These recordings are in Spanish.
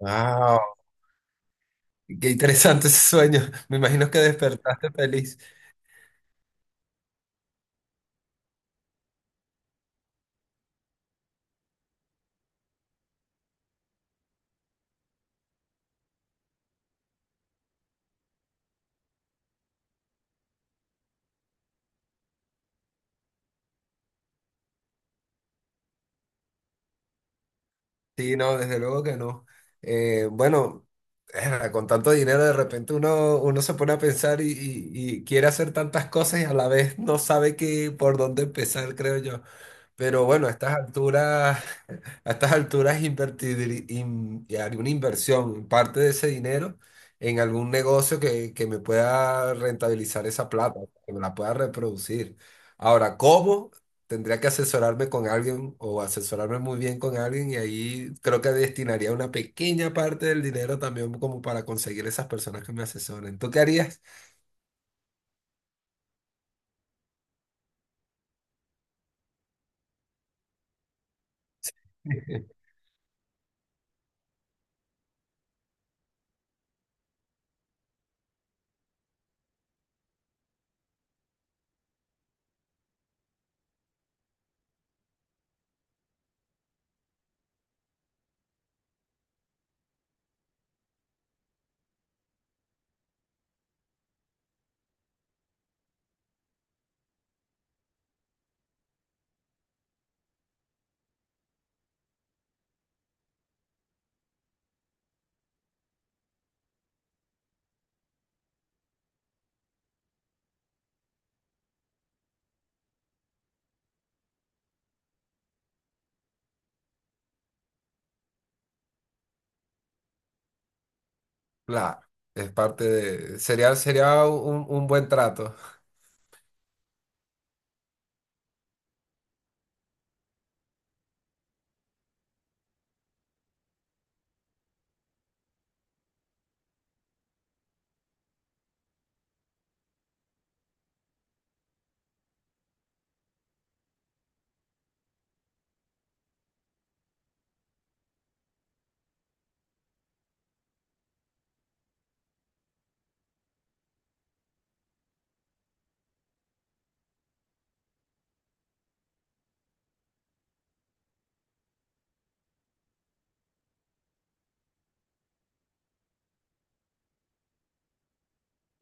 Wow, qué interesante ese sueño. Me imagino que despertaste feliz. Sí, no, desde luego que no. Bueno, con tanto dinero de repente uno se pone a pensar y quiere hacer tantas cosas y a la vez no sabe qué por dónde empezar, creo yo. Pero bueno, a estas alturas, a estas alturas haré una inversión, parte de ese dinero en algún negocio que me pueda rentabilizar esa plata, que me la pueda reproducir. Ahora, ¿cómo? Tendría que asesorarme con alguien o asesorarme muy bien con alguien y ahí creo que destinaría una pequeña parte del dinero también como para conseguir esas personas que me asesoren. ¿Tú qué harías? Claro, es parte de, sería, sería un buen trato.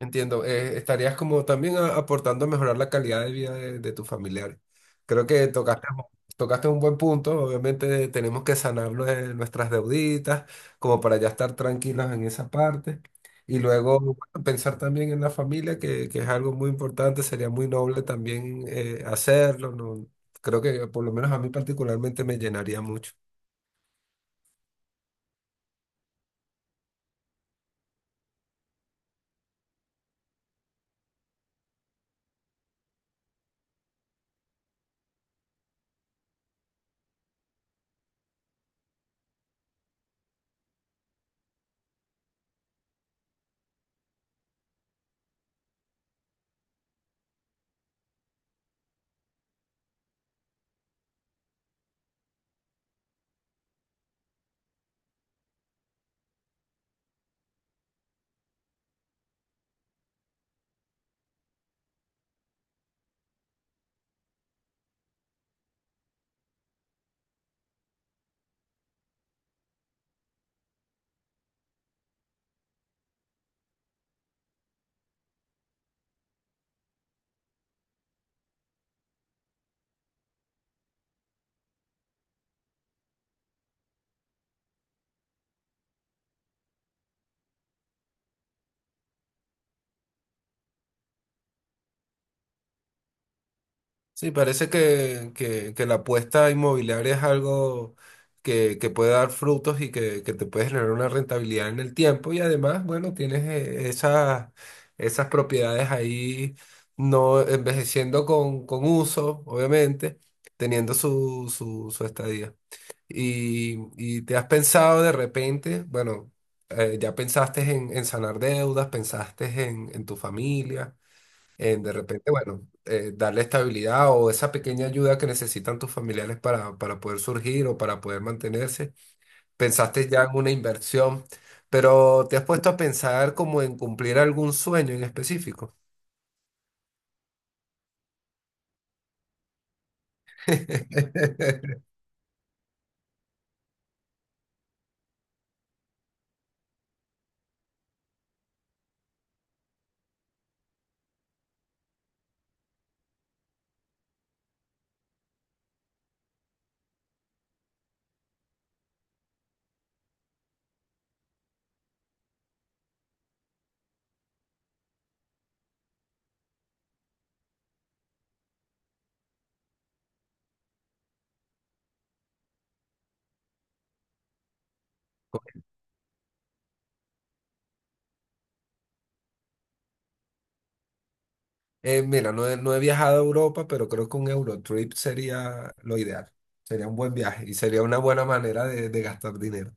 Entiendo, estarías como también aportando a mejorar la calidad de vida de tus familiares. Creo que tocaste, tocaste un buen punto. Obviamente tenemos que sanar nuestras deuditas como para ya estar tranquilos en esa parte y luego bueno, pensar también en la familia, que es algo muy importante. Sería muy noble también hacerlo, ¿no? Creo que por lo menos a mí particularmente me llenaría mucho. Sí, parece que la apuesta inmobiliaria es algo que puede dar frutos y que te puede generar una rentabilidad en el tiempo. Y además, bueno, tienes esas, esas propiedades ahí no envejeciendo con uso, obviamente, teniendo su estadía. Y te has pensado de repente, bueno, ya pensaste en sanar deudas, pensaste en tu familia, de repente, bueno, darle estabilidad o esa pequeña ayuda que necesitan tus familiares para poder surgir o para poder mantenerse. Pensaste ya en una inversión, pero ¿te has puesto a pensar como en cumplir algún sueño en específico? Mira, no he viajado a Europa, pero creo que un Eurotrip sería lo ideal. Sería un buen viaje y sería una buena manera de gastar dinero.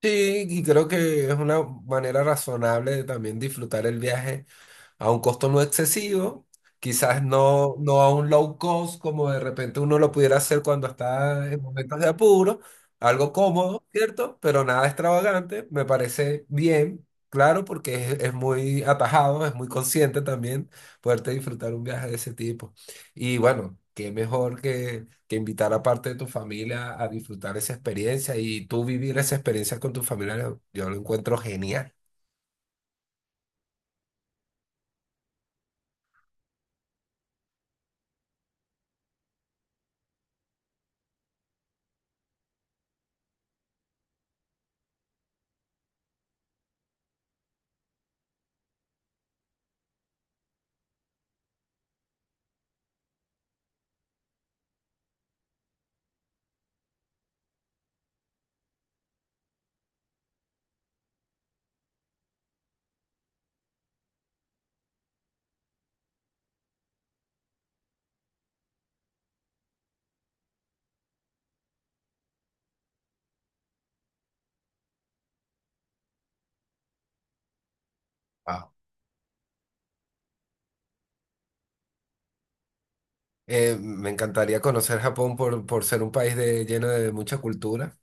Sí, y creo que es una manera razonable de también disfrutar el viaje a un costo no excesivo, quizás no, no a un low cost como de repente uno lo pudiera hacer cuando está en momentos de apuro, algo cómodo, ¿cierto? Pero nada extravagante, me parece bien, claro, porque es muy atajado, es muy consciente también poderte disfrutar un viaje de ese tipo. Y bueno, qué mejor que invitar a parte de tu familia a disfrutar esa experiencia y tú vivir esa experiencia con tus familiares, yo lo encuentro genial. Me encantaría conocer Japón por ser un país de, lleno de mucha cultura.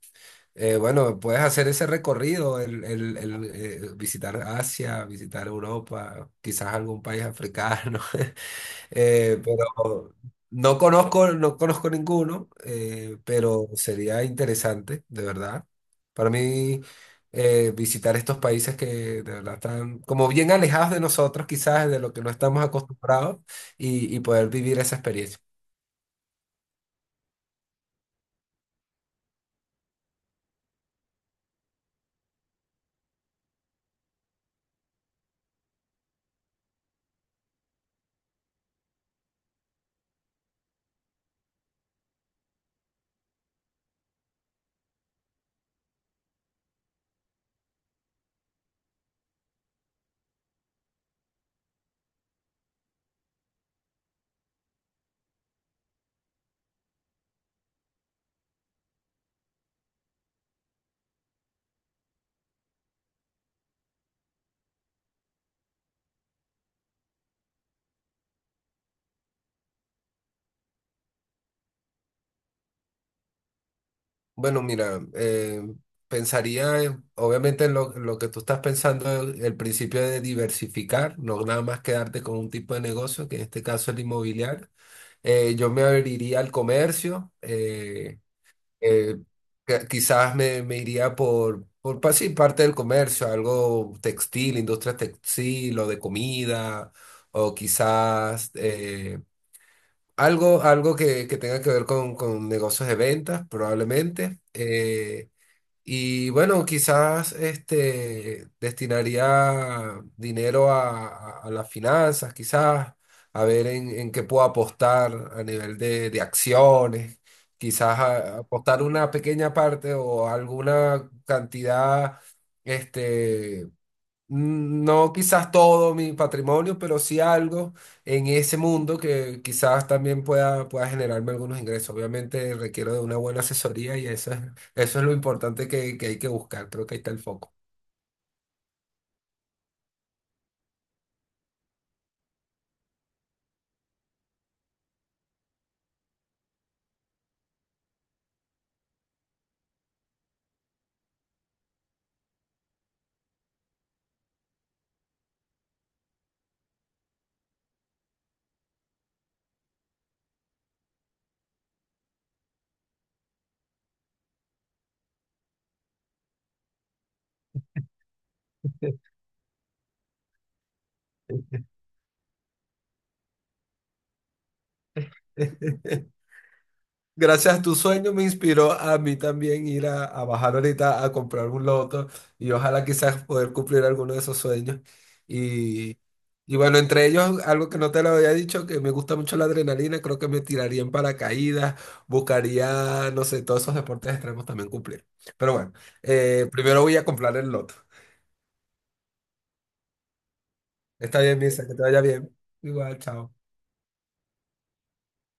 Bueno, puedes hacer ese recorrido, visitar Asia, visitar Europa, quizás algún país africano. Pero no conozco ninguno, pero sería interesante, de verdad. Para mí, visitar estos países que de verdad están como bien alejados de nosotros, quizás de lo que no estamos acostumbrados, y poder vivir esa experiencia. Bueno, mira, pensaría obviamente en lo que tú estás pensando, el principio de diversificar, no nada más quedarte con un tipo de negocio, que en este caso es el inmobiliario. Yo me abriría al comercio, eh, quizás me iría sí, parte del comercio, algo textil, industria textil o de comida, o quizás algo, algo que tenga que ver con negocios de ventas, probablemente. Y bueno, quizás este, destinaría dinero a las finanzas, quizás, a ver en qué puedo apostar a nivel de acciones, quizás apostar una pequeña parte o alguna cantidad, este, mm, no quizás todo mi patrimonio, pero sí algo en ese mundo que quizás también pueda, pueda generarme algunos ingresos. Obviamente requiero de una buena asesoría eso es lo importante que hay que buscar. Creo que ahí está el foco. Gracias a tu sueño me inspiró a mí también ir a bajar ahorita a comprar un loto y ojalá quizás poder cumplir alguno de esos sueños. Y, y bueno, entre ellos, algo que no te lo había dicho, que me gusta mucho la adrenalina, creo que me tiraría en paracaídas, buscaría, no sé, todos esos deportes extremos también cumplir. Pero bueno, primero voy a comprar el loto. Está bien, Misa, que te vaya bien. Igual, chao.